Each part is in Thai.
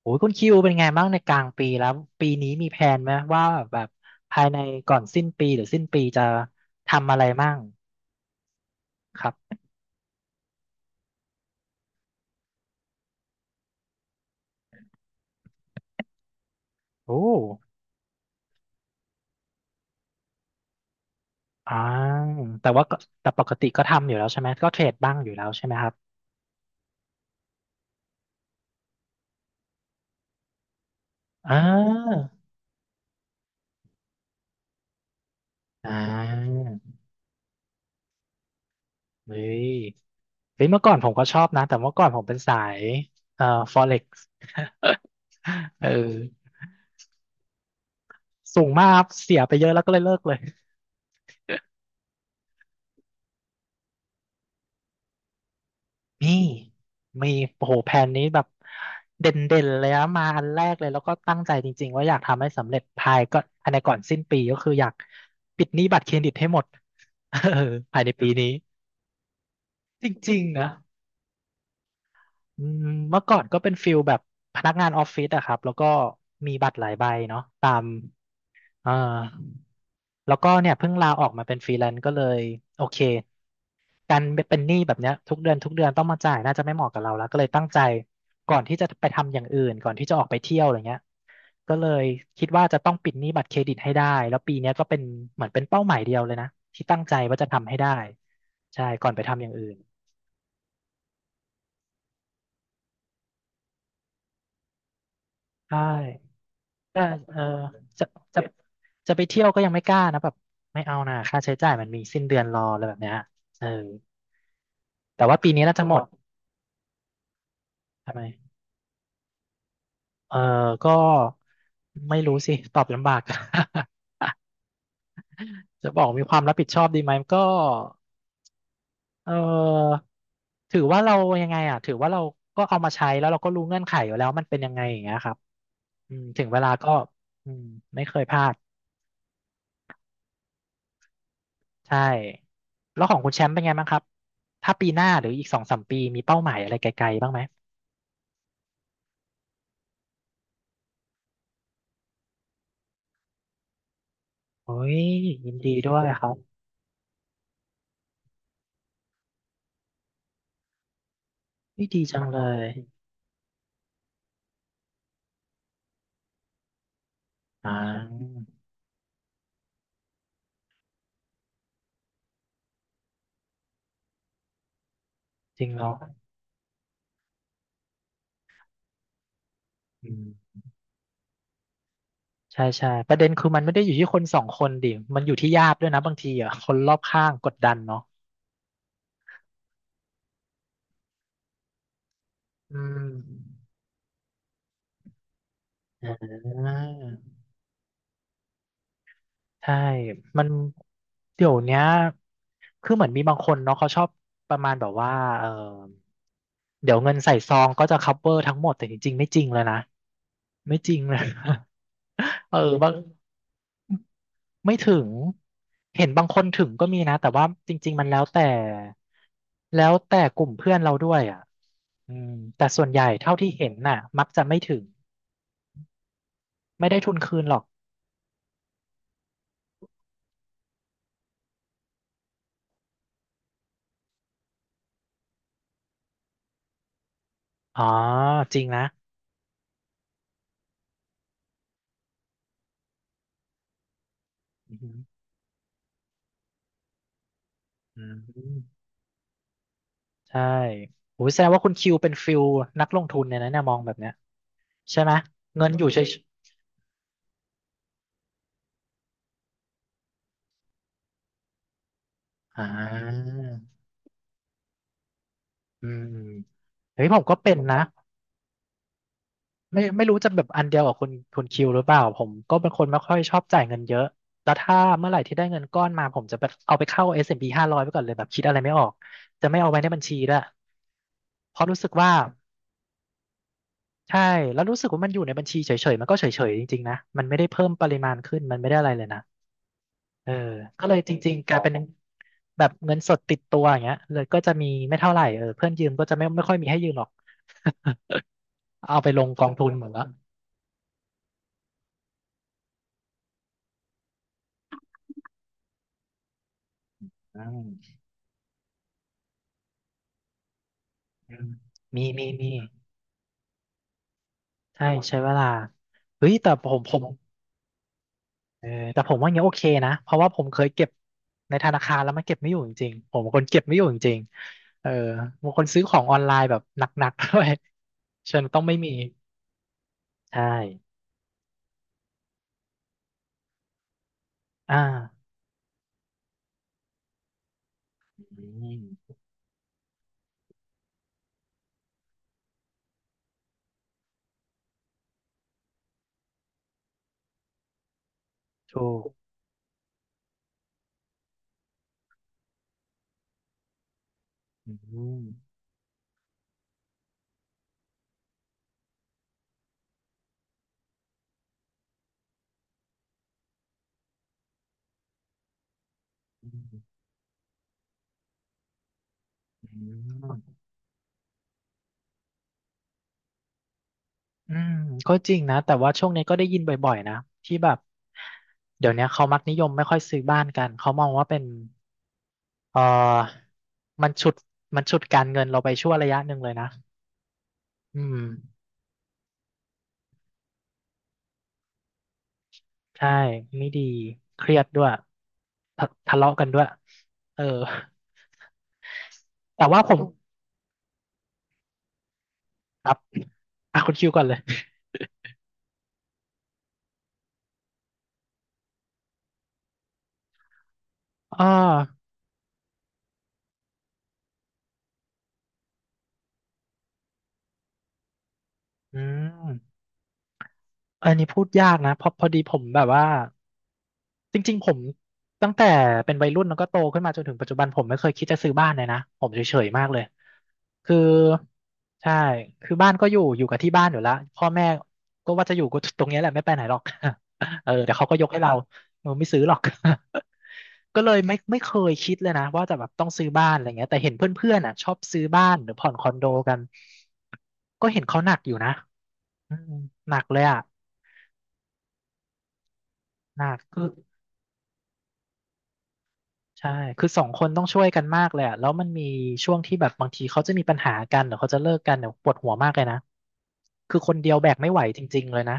โอ้ยคุณคิวเป็นไงบ้างในกลางปีแล้วปีนี้มีแผนไหมว่าแบบภายในก่อนสิ้นปีหรือสิ้นปีจะทำอะไรมั่งครับโอ้อ่าแต่ว่าก็แต่ปกติก็ทำอยู่แล้วใช่ไหมก็เทรดบ้างอยู่แล้วใช่ไหมครับอ่าอ่าเฮ้ยเฮ้ยเมื่อก่อนผมก็ชอบนะแต่เมื่อก่อนผมเป็นสายเอ่อ Forex เออสูงมากครับเสียไปเยอะแล้วก็เลยเลิกเลย มีมีโอ้โหแผนนี้แบบเด่นเด่นเลยนะมาอันแรกเลยแล้วก็ตั้งใจจริงๆว่าอยากทำให้สำเร็จภายก็ภายในก่อนสิ้นปีก็คืออยากปิดหนี้บัตรเครดิตให้หมด เออภายในปีนี้จริงๆนะอืมเมื่อก่อนก็เป็นฟิลแบบพนักงานออฟฟิศอะครับแล้วก็มีบัตรหลายใบเนาะตามเออ แล้วก็เนี่ยเพิ่งลาออกมาเป็นฟรีแลนซ์ก็เลยโอเคการเป็นหนี้แบบเนี้ยทุกเดือนทุกเดือนต้องมาจ่ายน่าจะไม่เหมาะกับเราแล้วก็เลยตั้งใจก่อนที่จะไปทำอย่างอื่นก่อนที่จะออกไปเที่ยวอะไรเงี้ยก็เลยคิดว่าจะต้องปิดหนี้บัตรเครดิตให้ได้แล้วปีเนี้ยก็เป็นเหมือนเป็นเป้าหมายเดียวเลยนะที่ตั้งใจว่าจะทำให้ได้ใช่ก่อนไปทำอย่างอื่นใช่แต่เออจะจะจะไปเที่ยวก็ยังไม่กล้านะแบบไม่เอานะค่าใช้จ่ายมันมีสิ้นเดือนรออะไรแบบเนี้ยเออแต่ว่าปีนี้น่าจะหมดทำไม เออก็ไม่รู้สิตอบลำบาก จะบอกมีความรับผิดชอบดีไหมก็เออถือว่าเรายังไงอ่ะถือว่าเราก็เอามาใช้แล้วเราก็รู้เงื่อนไขอยู่แล้วมันเป็นยังไงอย่างเงี้ยครับอืมถึงเวลาก็อืมไม่เคยพลาดใช่แล้วของคุณแชมป์เป็นไงบ้างครับถ้าปีหน้าหรืออีกสองสามปีมีเป้าหมายอะไรไกลๆบ้างไหมโอ้ยยินดีด้วยครับนี่ดีจังเลยอ่าจริงเหรออืม ใช่ใช่ประเด็นคือมันไม่ได้อยู่ที่คนสองคนดิมันอยู่ที่ญาติด้วยนะบางทีอ่ะคนรอบข้างกดดันเนาะอืมอ่าใช่มันเดี๋ยวเนี้ยคือเหมือนมีบางคนเนาะเขาชอบประมาณแบบว่าเออเดี๋ยวเงินใส่ซองก็จะ cover ทั้งหมดแต่จริงๆไม่จริงเลยนะไม่จริงเลย เออบาง ไม่ถึง เห็นบางคนถึงก็มีนะแต่ว่าจริงๆมันแล้วแต่แล้วแต่กลุ่มเพื่อนเราด้วยอ่ะอืมแต่ส่วนใหญ่เท่าที่เห็นน่ะมักจะไม่ถึงไม่ได้ทุนคืนหรอกอ๋อจริงนะอืมอืมใช่โอ้แสดงว่าคุณคิวเป็นฟิลนักลงทุนเนี่ยนะเนี่ยมองแบบเนี้ยใช่ไหมเงินอยู่เฉยๆอ่าอืมเฮ้ยผมก็เป็นนะ ไม่รู้จะแบบอันเดียวกับคุณคิวหรือเปล่าผมก็เป็นคนไม่ค่อยชอบจ่ายเงินเยอะแล้วถ้าเมื่อไหร่ที่ได้เงินก้อนมาผมจะไปเอาไปเข้า S&P 500ไปก่อนเลยแบบคิดอะไรไม่ออกจะไม่เอาไว้ในบัญชีด้วยเพราะรู้สึกว่าใช่แล้วรู้สึกว่ามันอยู่ในบัญชีเฉยๆมันก็เฉยๆจริงๆนะมันไม่ได้เพิ่มปริมาณขึ้นมันไม่ได้อะไรเลยนะเออก็เลยจริงๆกลายเป็นแบบเงินสดติดตัวอย่างเงี้ยเลยก็จะมีไม่เท่าไหร่เออเพื่อนยืมก็จะไม่ค่อยมีให้ยืมหรอกเอาไปลงกองทุนหมดแล้วอ่าอืมมี ใช่ใช้เวลาเฮ้ยแต่ผมเออแต่ผมว่าอย่างเงี้ยโอเคนะเพราะว่าผมเคยเก็บในธนาคารแล้วมันเก็บไม่อยู่จริงๆผมเป็นคนเก็บไม่อยู่จริงๆเออบางคนซื้อของออนไลน์แบบหนักๆ ด้วยฉันต้องไม่มีใช่อ่าอืมถูกอืมอืมอืมอืมก็จริงนะแต่ว่าช่วงนี้ก็ได้ยินบ่อยๆนะที่แบบเดี๋ยวนี้เขามักนิยมไม่ค่อยซื้อบ้านกันเขามองว่าเป็น เออมันฉุดมันฉุดการเงินเราไปชั่วระยะหนึ่งเลยนะอืมใช่ ไม่ดี เครียดด้วย ทะเลาะกันด้วย เออ แต่ว่าผมครับอ่ะคุณคิวก่อนเลย อ่าอืม อันนี้พูดยากนะ เพราะพอดีผมแบบว่า จริงๆผมตั้งแต่เป็นวัยรุ่นแล้วก็โตขึ้นมาจนถึงปัจจุบันผมไม่เคยคิดจะซื้อบ้านเลยนะผมเฉยๆมากเลยคือใช่คือบ้านก็อยู่อยู่กับที่บ้านอยู่แล้วพ่อแม่ก็ว่าจะอยู่ก็ตรงเนี้ยแหละไม่ไปไหนหรอก เออเดี๋ยวเขาก็ยกให้เราเออไม่ซื้อหรอก ก็เลยไม่เคยคิดเลยนะว่าจะแบบต้องซื้อบ้านอะไรเงี้ยแต่เห็นเพื่อนๆอ่ะชอบซื้อบ้านหรือผ่อนคอนโดกันก็เห็นเขาหนักอยู่นะอืมหนักเลยอ่ะหนักคือ ใช่ คือสองคนต้องช่วยกันมากเลยอะแล้วมันมีช่วงที่แบบบางทีเขาจะมีปัญหากันหรือเขาจะเลิกกันเนี่ยปวดหัวมากเลยนะ คือคนเดียวแบกไม่ไหวจริงๆเลยนะ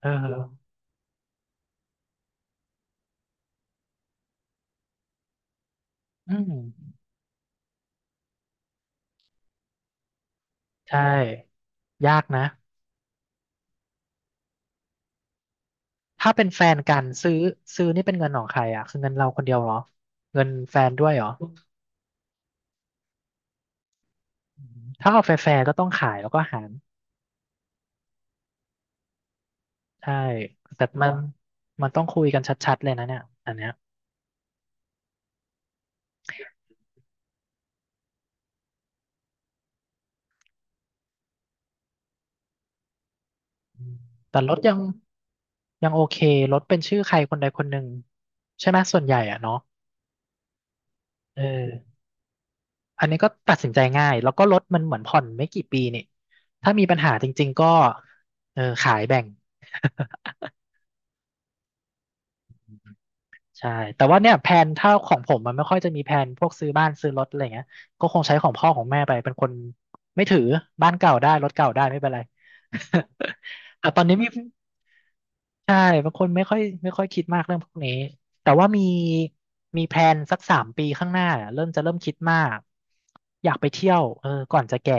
เอออืมใช่ ยากนะ ถ้าเป็นแฟนกันซื้อซื้อนี่เป็นเงินของใครอ่ะคือเงินเราคนเดียวเหรอ เงินแฟนด้วยเหรออืมถ้าเอาแฟร์ๆก็ต้องขายแล้วก็หารใช่ แต่มันมันต้องคุยกันชัดๆเลยนะเนี่ยอันเนี้ย แต่รถยังยังโอเครถเป็นชื่อใครคนใดคนหนึ่งใช่ไหมส่วนใหญ่อ่ะเนาะเอออันนี้ก็ตัดสินใจง่ายแล้วก็รถมันเหมือนผ่อนไม่กี่ปีนี่ถ้ามีปัญหาจริงๆก็เออขายแบ่ง ใช่แต่ว่าเนี่ยแผนถ้าของผมมันไม่ค่อยจะมีแผนพวกซื้อบ้านซื้อรถอะไรเงี้ยก็คงใช้ของพ่อของแม่ไปเป็นคนไม่ถือบ้านเก่าได้รถเก่าได้ไม่เป็นไร แต่ตอนนี้มีใช่บางคนไม่ค่อยคิดมากเรื่องพวกนี้แต่ว่ามีมีแพลนสัก3 ปีข้างหน้าเนี่ยเริ่มจะเริ่มคิดมากอยากไปเที่ยวก่อนจะแก่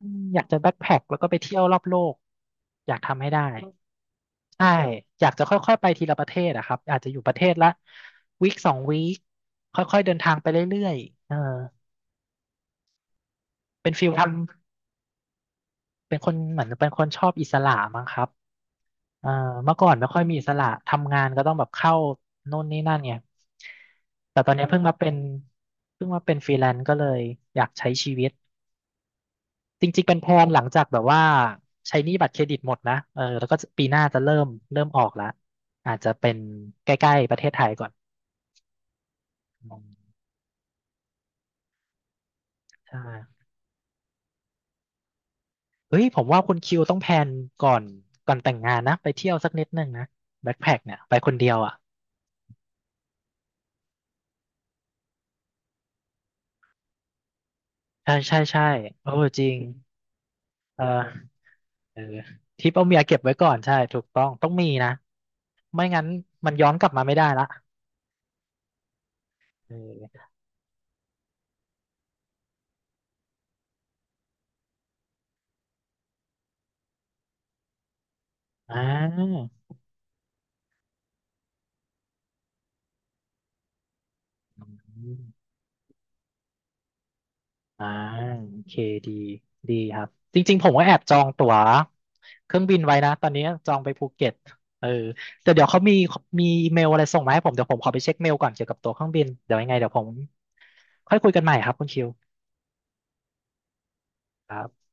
อืมอยากจะแบ็คแพ็คแล้วก็ไปเที่ยวรอบโลกอยากทำให้ได้ ใช่อยากจะค่อยๆไปทีละประเทศอะครับ อาจจะอยู่ประเทศละวีคสองวีคค่อยๆเดินทางไปเรื่อยๆเออเป็นฟิลทำเป็นคนเหมือนเป็นคนชอบอิสระมั้งครับเออเมื่อก่อนไม่ค่อยมีอิสระทำงานก็ต้องแบบเข้าโน่นนี่นั่นไงแต่ตอนนี้เพิ่งมาเป็นเพิ่งมาเป็นฟรีแลนซ์ก็เลยอยากใช้ชีวิตจริงๆเป็นแพลนหลังจากแบบว่าใช้หนี้บัตรเครดิตหมดนะเออแล้วก็ปีหน้าจะเริ่มเริ่มออกละอาจจะเป็นใกล้ๆประเทศไทยก่อนอืมใช่ เฮ้ยผมว่าคุณคิวต้องแพลนก่อนก่อนแต่งงานนะไปเที่ยวสักนิดนึงนะแบ็คแพ็คเนี่ยไปคนเดียวอ่ะใช่ใช่ใช่โอ้จริงเออเออทริปเอาเมียเก็บไว้ก่อนใช่ถูกต้องต้องมีนะไม่งั้นมันย้อนกลับมาไม่ได้ละเอออ่า อ่าโอเคดีดีครับจริงๆผมก็แอบจองตั๋วเครื่องบินไว้นะตอนนี้จองไปภูเก็ตเออแต่เดี๋ยวเขามีมีอีเมลอะไรส่งมาให้ผมเดี๋ยวผมขอไปเช็คเมลก่อนเกี่ยวกับตั๋วเครื่องบินเดี๋ยวยังไงเดี๋ยวผมค่อยคุยกันใหม่ครับคุณคิวครับ